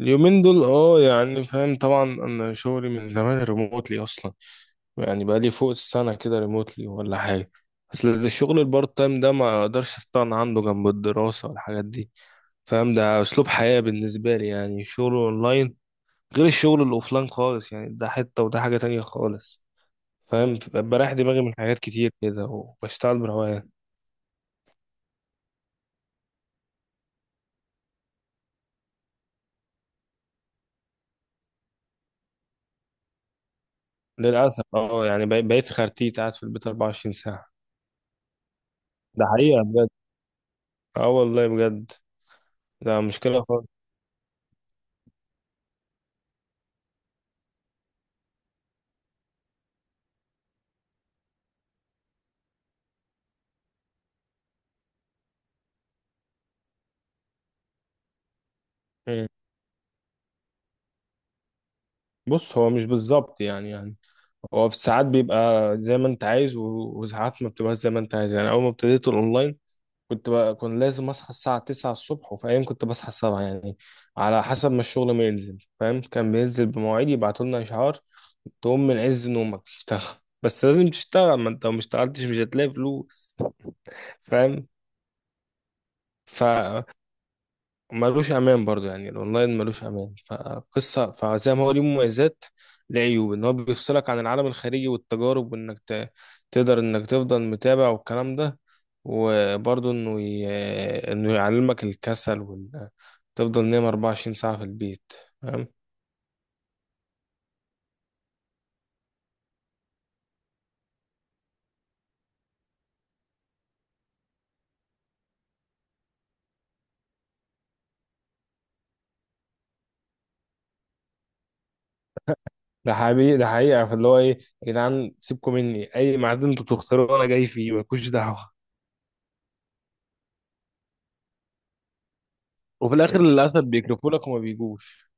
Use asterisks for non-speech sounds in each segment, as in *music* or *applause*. اليومين دول اه يعني فاهم طبعا، انا شغلي من زمان ريموتلي اصلا، يعني بقى لي فوق السنه كده ريموتلي ولا حاجه. اصل الشغل البارت تايم ده ما اقدرش استغنى عنه جنب الدراسه والحاجات دي. فاهم، ده اسلوب حياه بالنسبه لي يعني الشغل اونلاين، غير الشغل الاوفلاين خالص، يعني ده حته وده حاجه تانية خالص. فاهم، بريح دماغي من حاجات كتير كده وبشتغل بروقان. للاسف اه، يعني بقيت خرتيت قاعد في البيت 24 ساعه. ده حقيقه بجد. اه والله بجد. ده مشكله. مم. بص، هو مش بالظبط يعني هو في ساعات بيبقى زي ما انت عايز، وساعات ما بتبقاش زي ما انت عايز. يعني اول ما ابتديت الاونلاين كنت لازم اصحى الساعه 9 الصبح، وفي ايام كنت بصحى 7 يعني، على حسب ما الشغل ما ينزل. فاهم، كان بينزل بمواعيد يبعتوا لنا اشعار، تقوم من عز نومك تشتغل. بس لازم تشتغل، ما انت لو ما اشتغلتش مش هتلاقي فلوس. فاهم. ف ملوش امان برضو، يعني الاونلاين ملوش امان فقصه، فزي ما هو ليه مميزات ليه عيوب، ان هو بيفصلك عن العالم الخارجي والتجارب، تقدر انك تفضل متابع والكلام ده. وبرضو انه ي... انه يعلمك الكسل، تفضل نايم 24 ساعه في البيت. فاهم. ده حقيقي، ده حقيقه، فاللي هو ايه يا جدعان سيبكم مني، اي ميعاد انتوا تختاروه انا جاي فيه، مالكوش دعوه. وفي الاخر للاسف بيكرفوا لك وما بيجوش.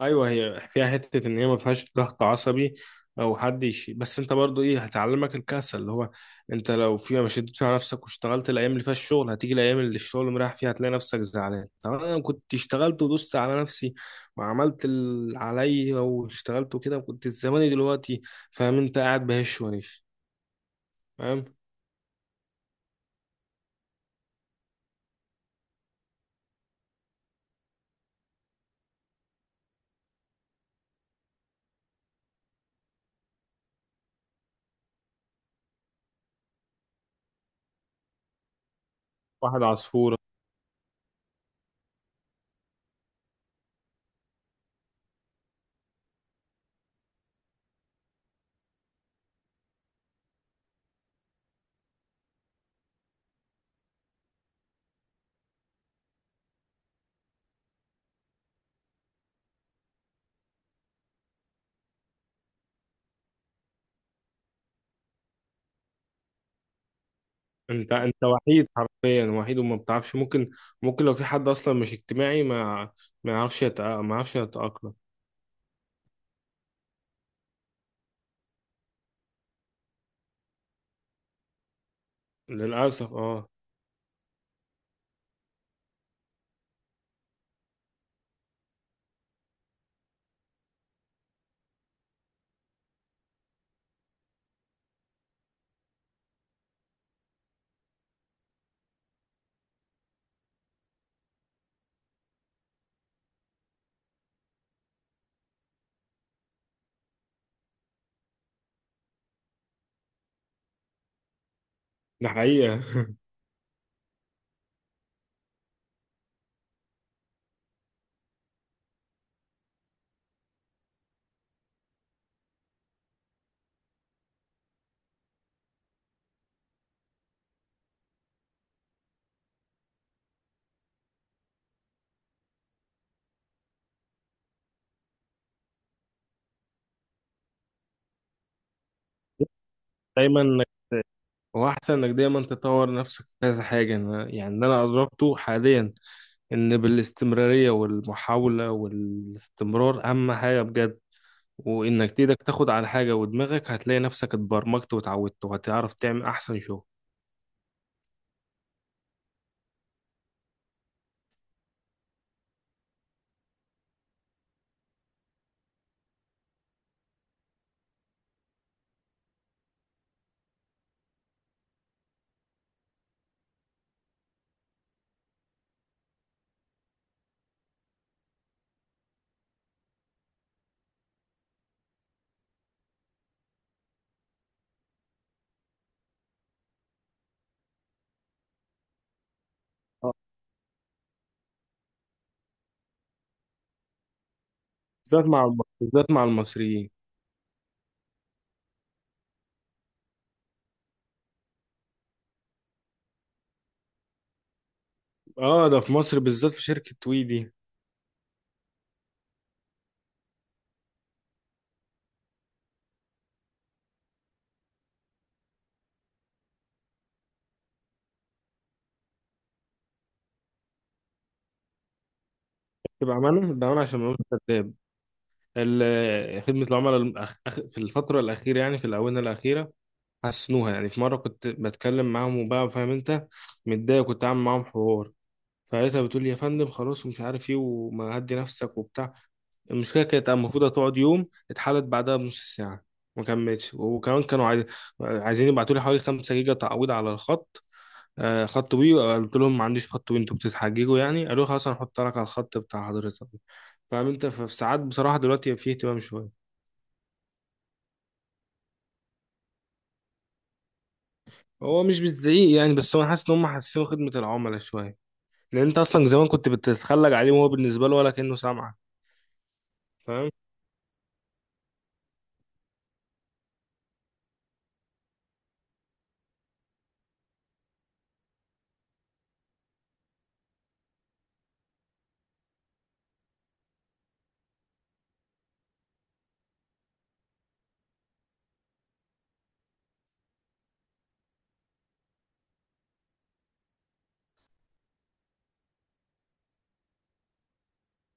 ايوه، هي فيها حته ان هي ما فيهاش ضغط عصبي او حد يشي، بس انت برضو ايه هتعلمك الكسل، اللي هو انت لو فيها ما شدتش على نفسك واشتغلت الايام اللي فيها الشغل، هتيجي الايام اللي الشغل مريح فيها هتلاقي نفسك زعلان، طب انا كنت اشتغلت ودوست على نفسي وعملت اللي عليا واشتغلت وكده كنت زماني دلوقتي. فاهم، انت قاعد بهش ونيش. فاهم. واحد عصفوره. انت انت وحيد، حرفيا وحيد، وما بتعرفش، ممكن لو في حد اصلا مش اجتماعي ما يعرفش يتأقلم. للأسف اه. ده حقيقة. دايما إنك- هو أحسن إنك دايما تطور نفسك في كذا حاجة. أنا يعني اللي أنا أدركته حاليا إن بالاستمرارية والمحاولة والاستمرار أهم حاجة بجد، وإنك إيدك تاخد على حاجة ودماغك، هتلاقي نفسك اتبرمجت واتعودت وهتعرف تعمل أحسن شغل. آه، بالذات مع المصريين. اه، ده في مصر بالذات، في شركة وي دي. تبقى معانا، ده انا عشان ما اقولش كذاب، خدمة العملاء في الفترة الأخيرة، يعني في الآونة الأخيرة، حسنوها. يعني في مرة كنت بتكلم معاهم، وبقى فاهم انت، متضايق، كنت عامل معاهم حوار، فلقيتها بتقول لي يا فندم خلاص ومش عارف ايه وما هدي نفسك وبتاع. المشكلة كانت المفروض هتقعد يوم، اتحلت بعدها بنص ساعة ما كملتش، وكمان عايزين يبعتوا لي حوالي 5 جيجا تعويض على الخط، آه خط وي. قلت لهم ما عنديش خط وي، انتوا بتتحججوا يعني. قالوا لي خلاص هنحط لك على الخط بتاع حضرتك. فاهم انت، ففي ساعات بصراحة دلوقتي في اهتمام شوية. هو مش بتزعيق يعني، بس هو أنا حاسس ان هم حاسين خدمة العملاء شوية، لان انت اصلا زمان كنت بتتخلج عليه وهو بالنسبه له ولا كانه سامعك. فاهم.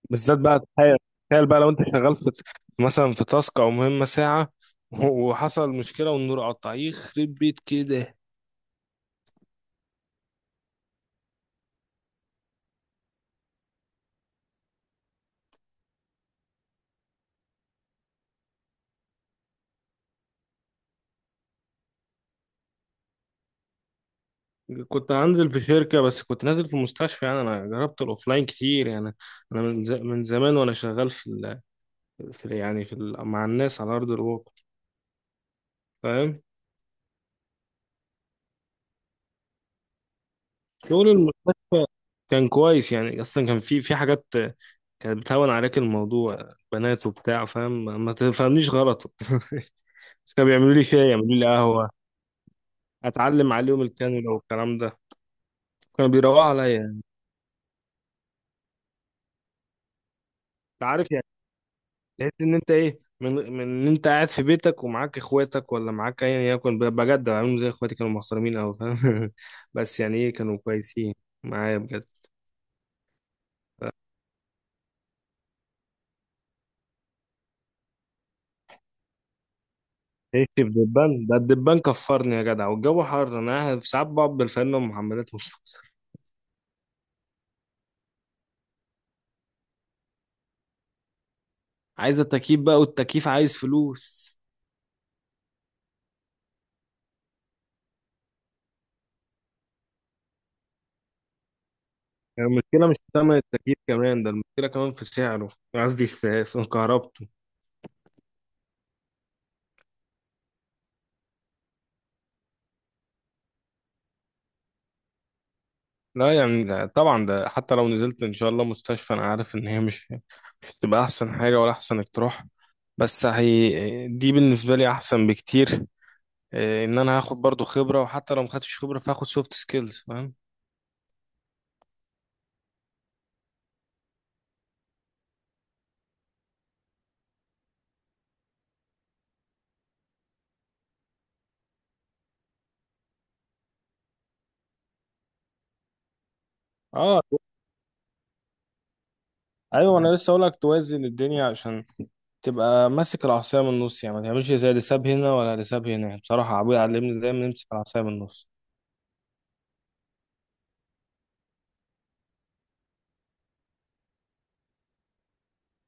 بالذات بقى، تخيل، تخيل بقى لو انت شغال في مثلا في تاسك او مهمه ساعه، *laughs* وحصل مشكله والنور قطع، يخرب بيت كده. كنت هنزل في شركه بس كنت نازل في مستشفى، يعني انا جربت الاوفلاين كتير يعني. انا من زمان وانا شغال في, ال... في يعني في ال... مع الناس على ارض الواقع. فاهم. شغل المستشفى كان كويس يعني، اصلا كان في حاجات كانت بتهون عليك الموضوع، بنات وبتاع، فاهم، ما تفهمنيش غلط. *laughs* بس كانوا بيعملوا لي شاي، يعملوا لي قهوه، اتعلم عليهم الكانولا والكلام ده. كانوا بيروقوا عليا يعني. انت عارف يعني، تحس ان انت ايه، من ان انت قاعد في بيتك ومعاك اخواتك، ولا معاك ايا يكن، بجد عاملهم زي اخواتي، كانوا محترمين قوي. فاهم. *laughs* بس يعني ايه، كانوا كويسين معايا بجد. عشت في دبان، ده الدبان كفرني يا جدع، والجو حر، انا قاعد في ساعات بقعد بالفانلة ومحملات ومش عايز التكييف بقى، والتكييف عايز فلوس. يعني المشكلة مش في تمن التكييف كمان، ده المشكلة كمان في سعره، قصدي في كهربته. لا يعني ده طبعا، ده حتى لو نزلت إن شاء الله مستشفى أنا عارف إن هي مش، مش هتبقى أحسن حاجة ولا أحسن اقتراح، بس هي دي بالنسبة لي أحسن بكتير. إيه، إن أنا هاخد برضو خبرة، وحتى لو مخدتش خبرة فهاخد سوفت سكيلز. فاهم. اه. ايوه، انا لسه اقولك توازن الدنيا، عشان تبقى ماسك العصايه من النص، يعني ما تعملش زي اللي ساب هنا ولا اللي ساب هنا. يعني بصراحه ابويا علمني دايما نمسك العصايه من النص.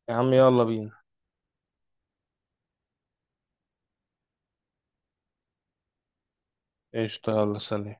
يا عم يلا بينا. ايش، يلا سلام.